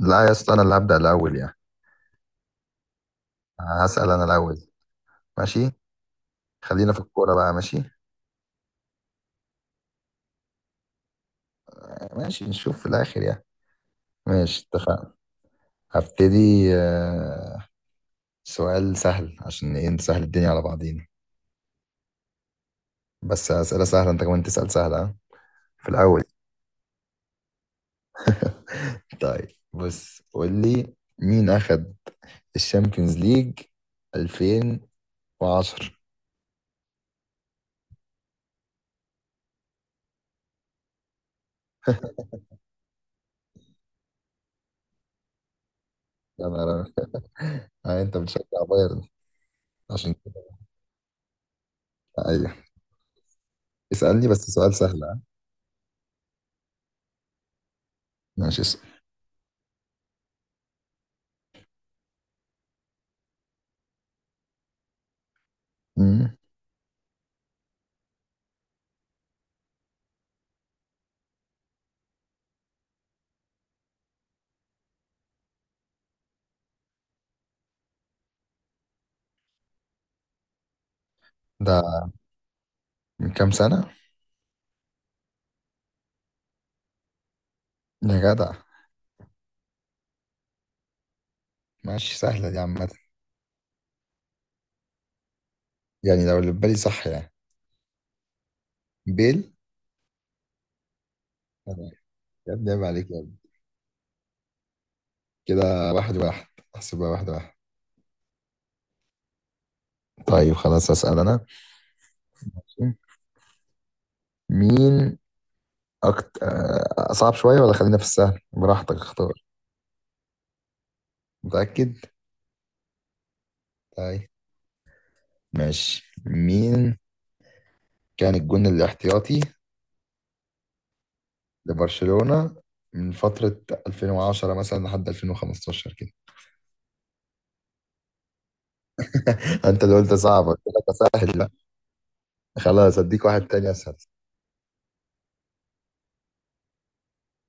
لا يا اسطى انا اللي هبدأ الاول يعني. هسأل انا الاول. ماشي. خلينا في الكورة بقى. ماشي ماشي، نشوف في الاخر يعني. ماشي اتفقنا. هبتدي. سؤال سهل، عشان ايه؟ نسهل الدنيا على بعضينا. بس أسئلة سهلة، انت كمان تسأل سهلة، ها؟ في الاول. طيب بص، قول لي مين اخد الشامبيونز ليج 2010؟ يا نهار أبيض. انت بتشجع بايرن؟ عشان كده. ايوه. اسألني بس سؤال سهل، ها؟ ماشي اسأل. مم. ده من كام سنة؟ يا جدع. ماشي سهلة دي عامة. يعني لو اللي في بالي صح يعني، بيل. تمام. يا ابني عيب عليك يا ابني. كده واحد واحد. احسبها واحد واحد. طيب خلاص أسأل أنا. مين أكتر؟ صعب شوية ولا خلينا في السهل؟ براحتك اختار. متأكد؟ طيب. ماشي، مين كان الجون الاحتياطي لبرشلونة من فترة 2010 مثلا لحد 2015 كده؟ انت اللي قلت صعب، قلت لك اسهل بقى. خلاص اديك واحد تاني اسهل.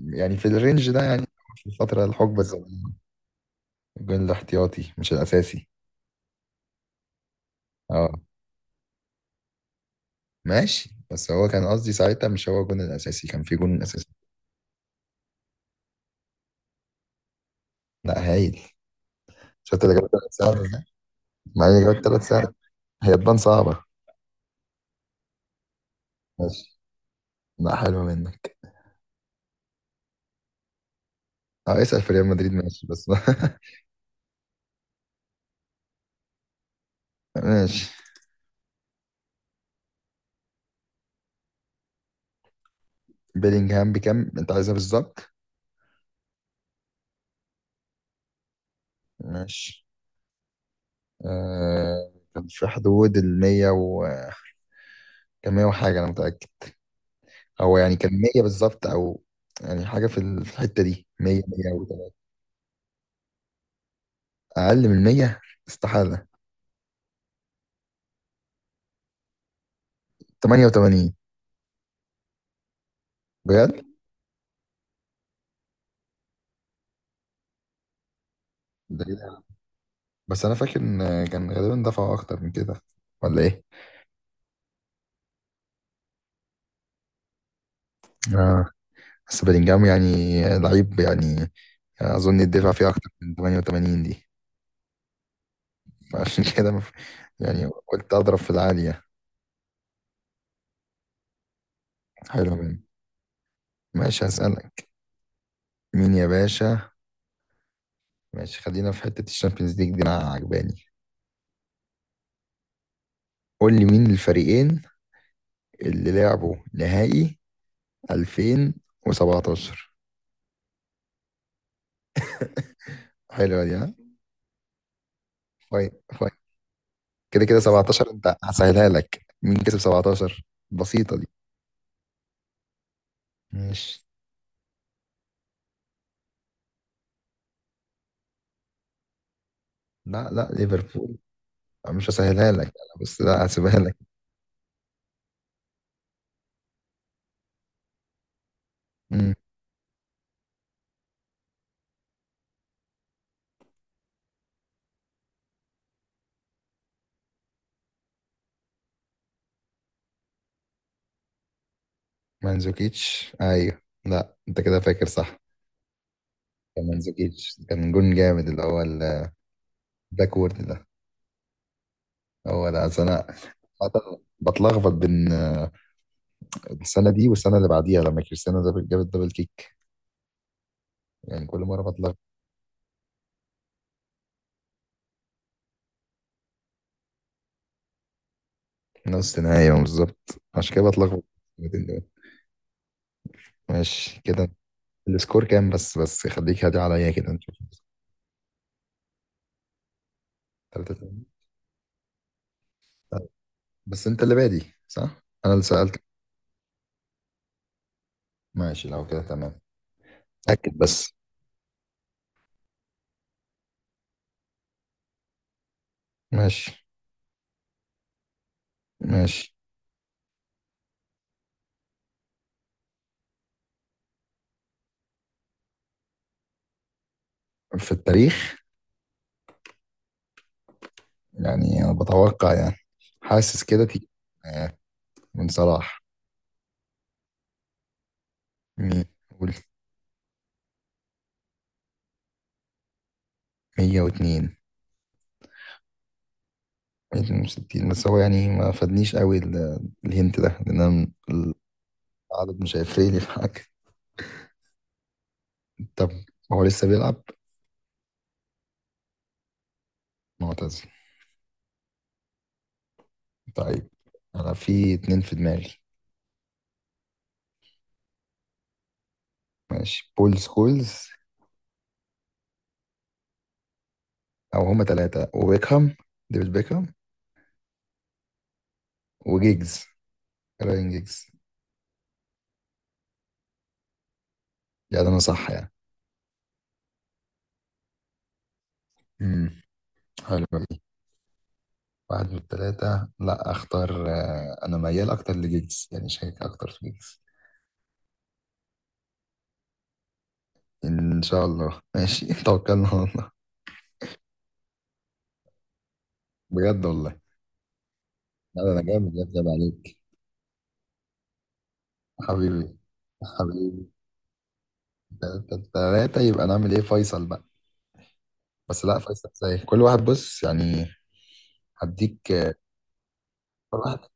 يعني في الرينج ده يعني، في الفترة الحقبة الزمنية. الجون الاحتياطي مش الأساسي. اه. ماشي بس هو كان قصدي ساعتها مش هو الجون الأساسي، كان في جون أساسي. لا هايل. شفت اللي جابت ثلاث ساعات ده؟ مع اني جابت ثلاث ساعات. هي تبان صعبة. ماشي. لا حلوة منك. اه اسأل في ريال مدريد، ماشي بس. ماشي. بيلينغهام بكام؟ انت عايزها بالظبط؟ ماشي. آه كان في حدود ال 100 و، كان 100 وحاجة انا متأكد. هو يعني كان 100 بالظبط او، يعني حاجه في الحته دي، 100 103. اقل من 100 استحاله. 88. بجد؟ ده إيه ده؟ بس انا فاكر ان كان غالبا دفعوا اكتر من كده، ولا ايه؟ اه، بس بلينجهام يعني، لعيب يعني. اظن الدفع فيه اكتر من 88 دي. فعشان كده يعني قلت اضرب في العاليه. حلو منه. ماشي هسألك. مين يا باشا؟ ماشي خلينا في حته الشامبيونز ليج دي، انا عجباني. قول لي مين الفريقين اللي لعبوا نهائي 2017؟ حلوة دي، ها. فاين فاين. كده كده 17، انت هسهلها لك، مين كسب 17؟ بسيطة دي. مش لا لا، ليفربول. مش هسهلها لك أنا، بس لا هسيبها لك. مم. مانزوكيتش، ايوه لا انت كده فاكر صح. كان مانزوكيتش كان جون جامد، اللي هو الباكورد ده. هو ده أصل انا عادة بتلخبط بين السنة دي والسنة اللي بعديها، لما كريستيانو ده جاب الدبل كيك. يعني كل مرة بتلخبط. نص نهائي، بالظبط عشان كده بتلخبط الاتنين دول. ماشي كده. السكور كام؟ بس خليك هادي عليا كده نشوف. تلاتة تلاتة. طيب، بس انت اللي بادي صح؟ انا اللي سألت. ماشي لو كده تمام. أكد بس. ماشي. ماشي في التاريخ. يعني انا بتوقع يعني، حاسس كده آه، من صلاح. مين؟ قول. 102. 162. بس هو يعني ما فادنيش قوي الهنت ده، لان انا م- العدد مش هيفرق لي في حاجه. طب هو لسه بيلعب؟ معتزل. طيب انا في اتنين في دماغي. ماشي، بول سكولز. او هما تلاتة، وبيكهام، ديفيد بيكهام. وجيجز، راين جيجز. يعني انا صح يعني؟ امم حلو دي. واحد من التلاتة، لا اختار. انا ميال اكتر لجيجز، يعني شاكك اكتر في جيجز. ان شاء الله، ماشي. توكلنا على الله. بجد والله. لا ده انا جامد يا ابني، عيب عليك. حبيبي حبيبي. تلاتة تلاتة، يبقى نعمل ايه فيصل بقى؟ بس لا، فيصل زي كل واحد بص يعني. هديك واحدة.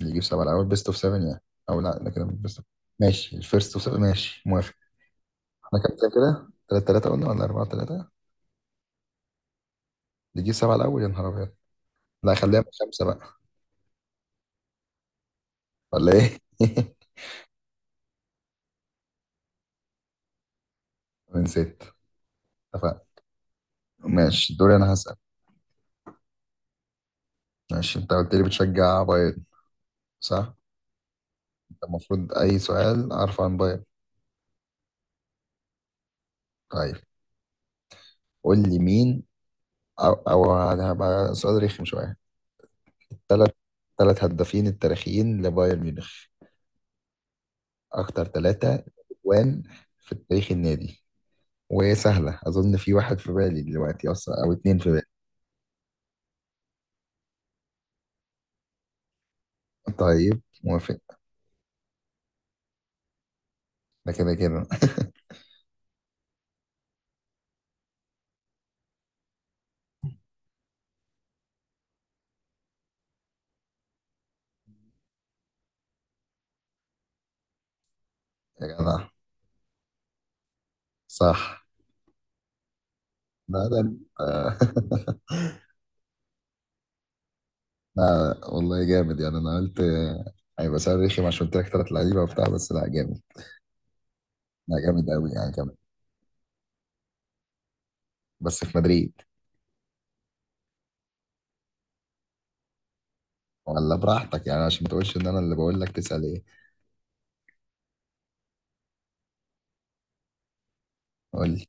اللي يجيب سبعة الأول، بيست أوف سفن يعني. لا ده كده بيست أوف. ماشي، الفيرست أوف سفن، ماشي موافق. احنا كام كام كده؟ تلاتة تلاتة قلنا ولا أربعة تلاتة؟ اللي يجيب سبعة الأول، يا نهار أبيض. لا خليها من خمسة بقى، ولا إيه؟ من ستة، اتفقنا. ماشي دوري أنا هسأل. ماشي، أنت قلت لي بتشجع بايرن صح؟ أنت المفروض أي سؤال أعرفه عن بايرن. طيب قول لي مين، أو هبقى سؤال رخم شوية. التلات تلات هدافين التاريخيين لبايرن ميونخ، أكتر ثلاثة أجوان في تاريخ النادي. وسهلة، أظن في واحد في بالي دلوقتي أصلا، أو اتنين في بالي. طيب موافق. ده كده كده. يا جماعة، صح. لا ده آه. لا والله جامد يعني، أنا قلت هيبقى سؤال رخم عشان قلت لك تلات لعيبة وبتاع، بس لا جامد. لا جامد أوي يعني، جامد. بس في مدريد، ولا براحتك يعني عشان ما تقولش إن أنا اللي بقول لك تسأل إيه. قول لي.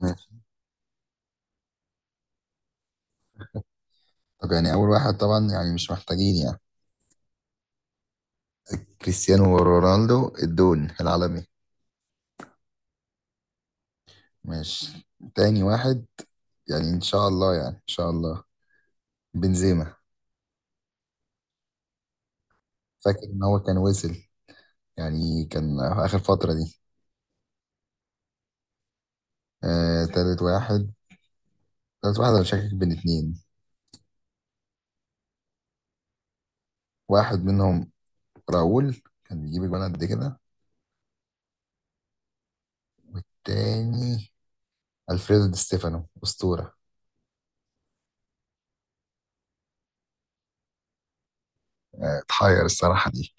ماشي. طب يعني أول واحد طبعا يعني مش محتاجين يعني، كريستيانو رونالدو الدون العالمي. ماشي. تاني واحد، يعني ان شاء الله يعني ان شاء الله، بنزيما. فاكر ان هو كان وصل، يعني كان اخر فترة دي. آه تالت واحد. تالت واحد انا شاكك بين اتنين. واحد منهم راؤول، كان بيجيب جوان قد كده. تاني، الفريدو دي ستيفانو، اسطورة. اتحير الصراحة دي.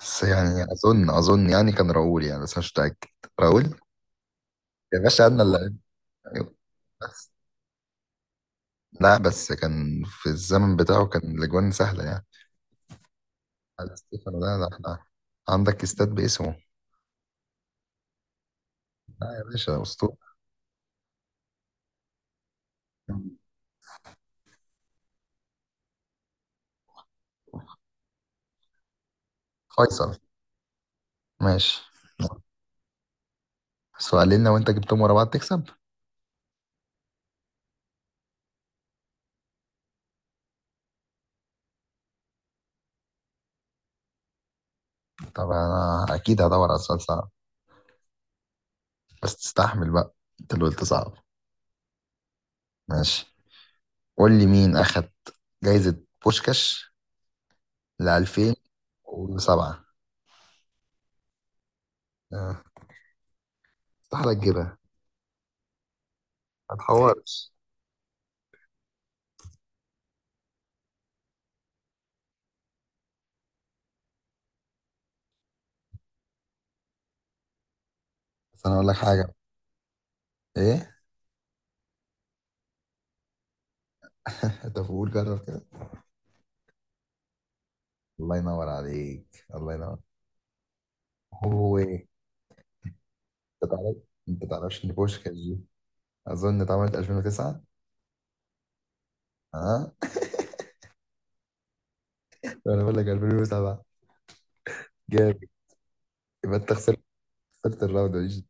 بس يعني اظن يعني كان راؤول يعني، بس مش متأكد. راؤول. يا باشا انا اللي، أيوه. بس لا، بس كان في الزمن بتاعه كان الاجوان سهلة يعني. على ستيفانو، ده احنا عندك استاد باسمه. لا يا باشا، اسطوره. فيصل، ماشي. سؤالين لو انت جبتهم ورا بعض تكسب. طب انا اكيد هدور على سؤال صعب. بس تستحمل بقى، انت اللي قلت صعب. ماشي. قول لي مين اخد جايزة بوشكاش ل 2007؟ آه، استحالة تجيبها. ما تحورش. بس انا اقول لك حاجة. ايه؟ انت بقول جرب كده. الله ينور عليك، الله ينور. هو ايه؟ انت تعرف، انت تعرفش ان بوشكاش دي اظن اتعملت 2009؟ ها. انا بقول لك 2007. جامد. يبقى انت خسرت، خسرت الراوند دي.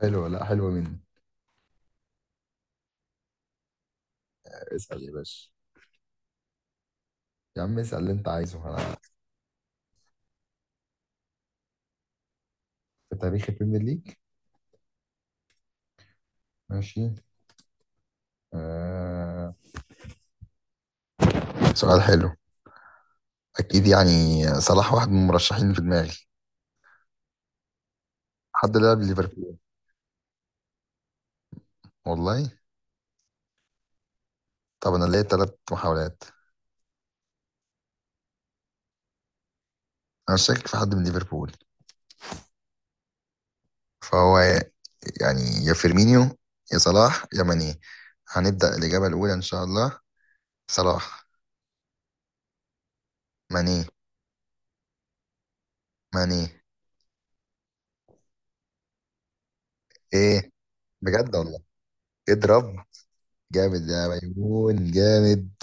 حلوه. لا حلوه مني. اسال يا باشا. يا عم اسال اللي انت عايزه انا. في تاريخ البريمير ليج؟ ماشي. آه... سؤال حلو. اكيد يعني، صلاح واحد من المرشحين في دماغي. حد لعب ليفربول. والله. طب انا ليا ثلاث محاولات. انا شاكك في حد من ليفربول. فهو يعني، يا فيرمينيو يا صلاح يا ماني. هنبدأ الإجابة الأولى إن شاء الله، صلاح. ماني. ماني. ايه، بجد والله. اضرب. جامد يا ميمون، جامد.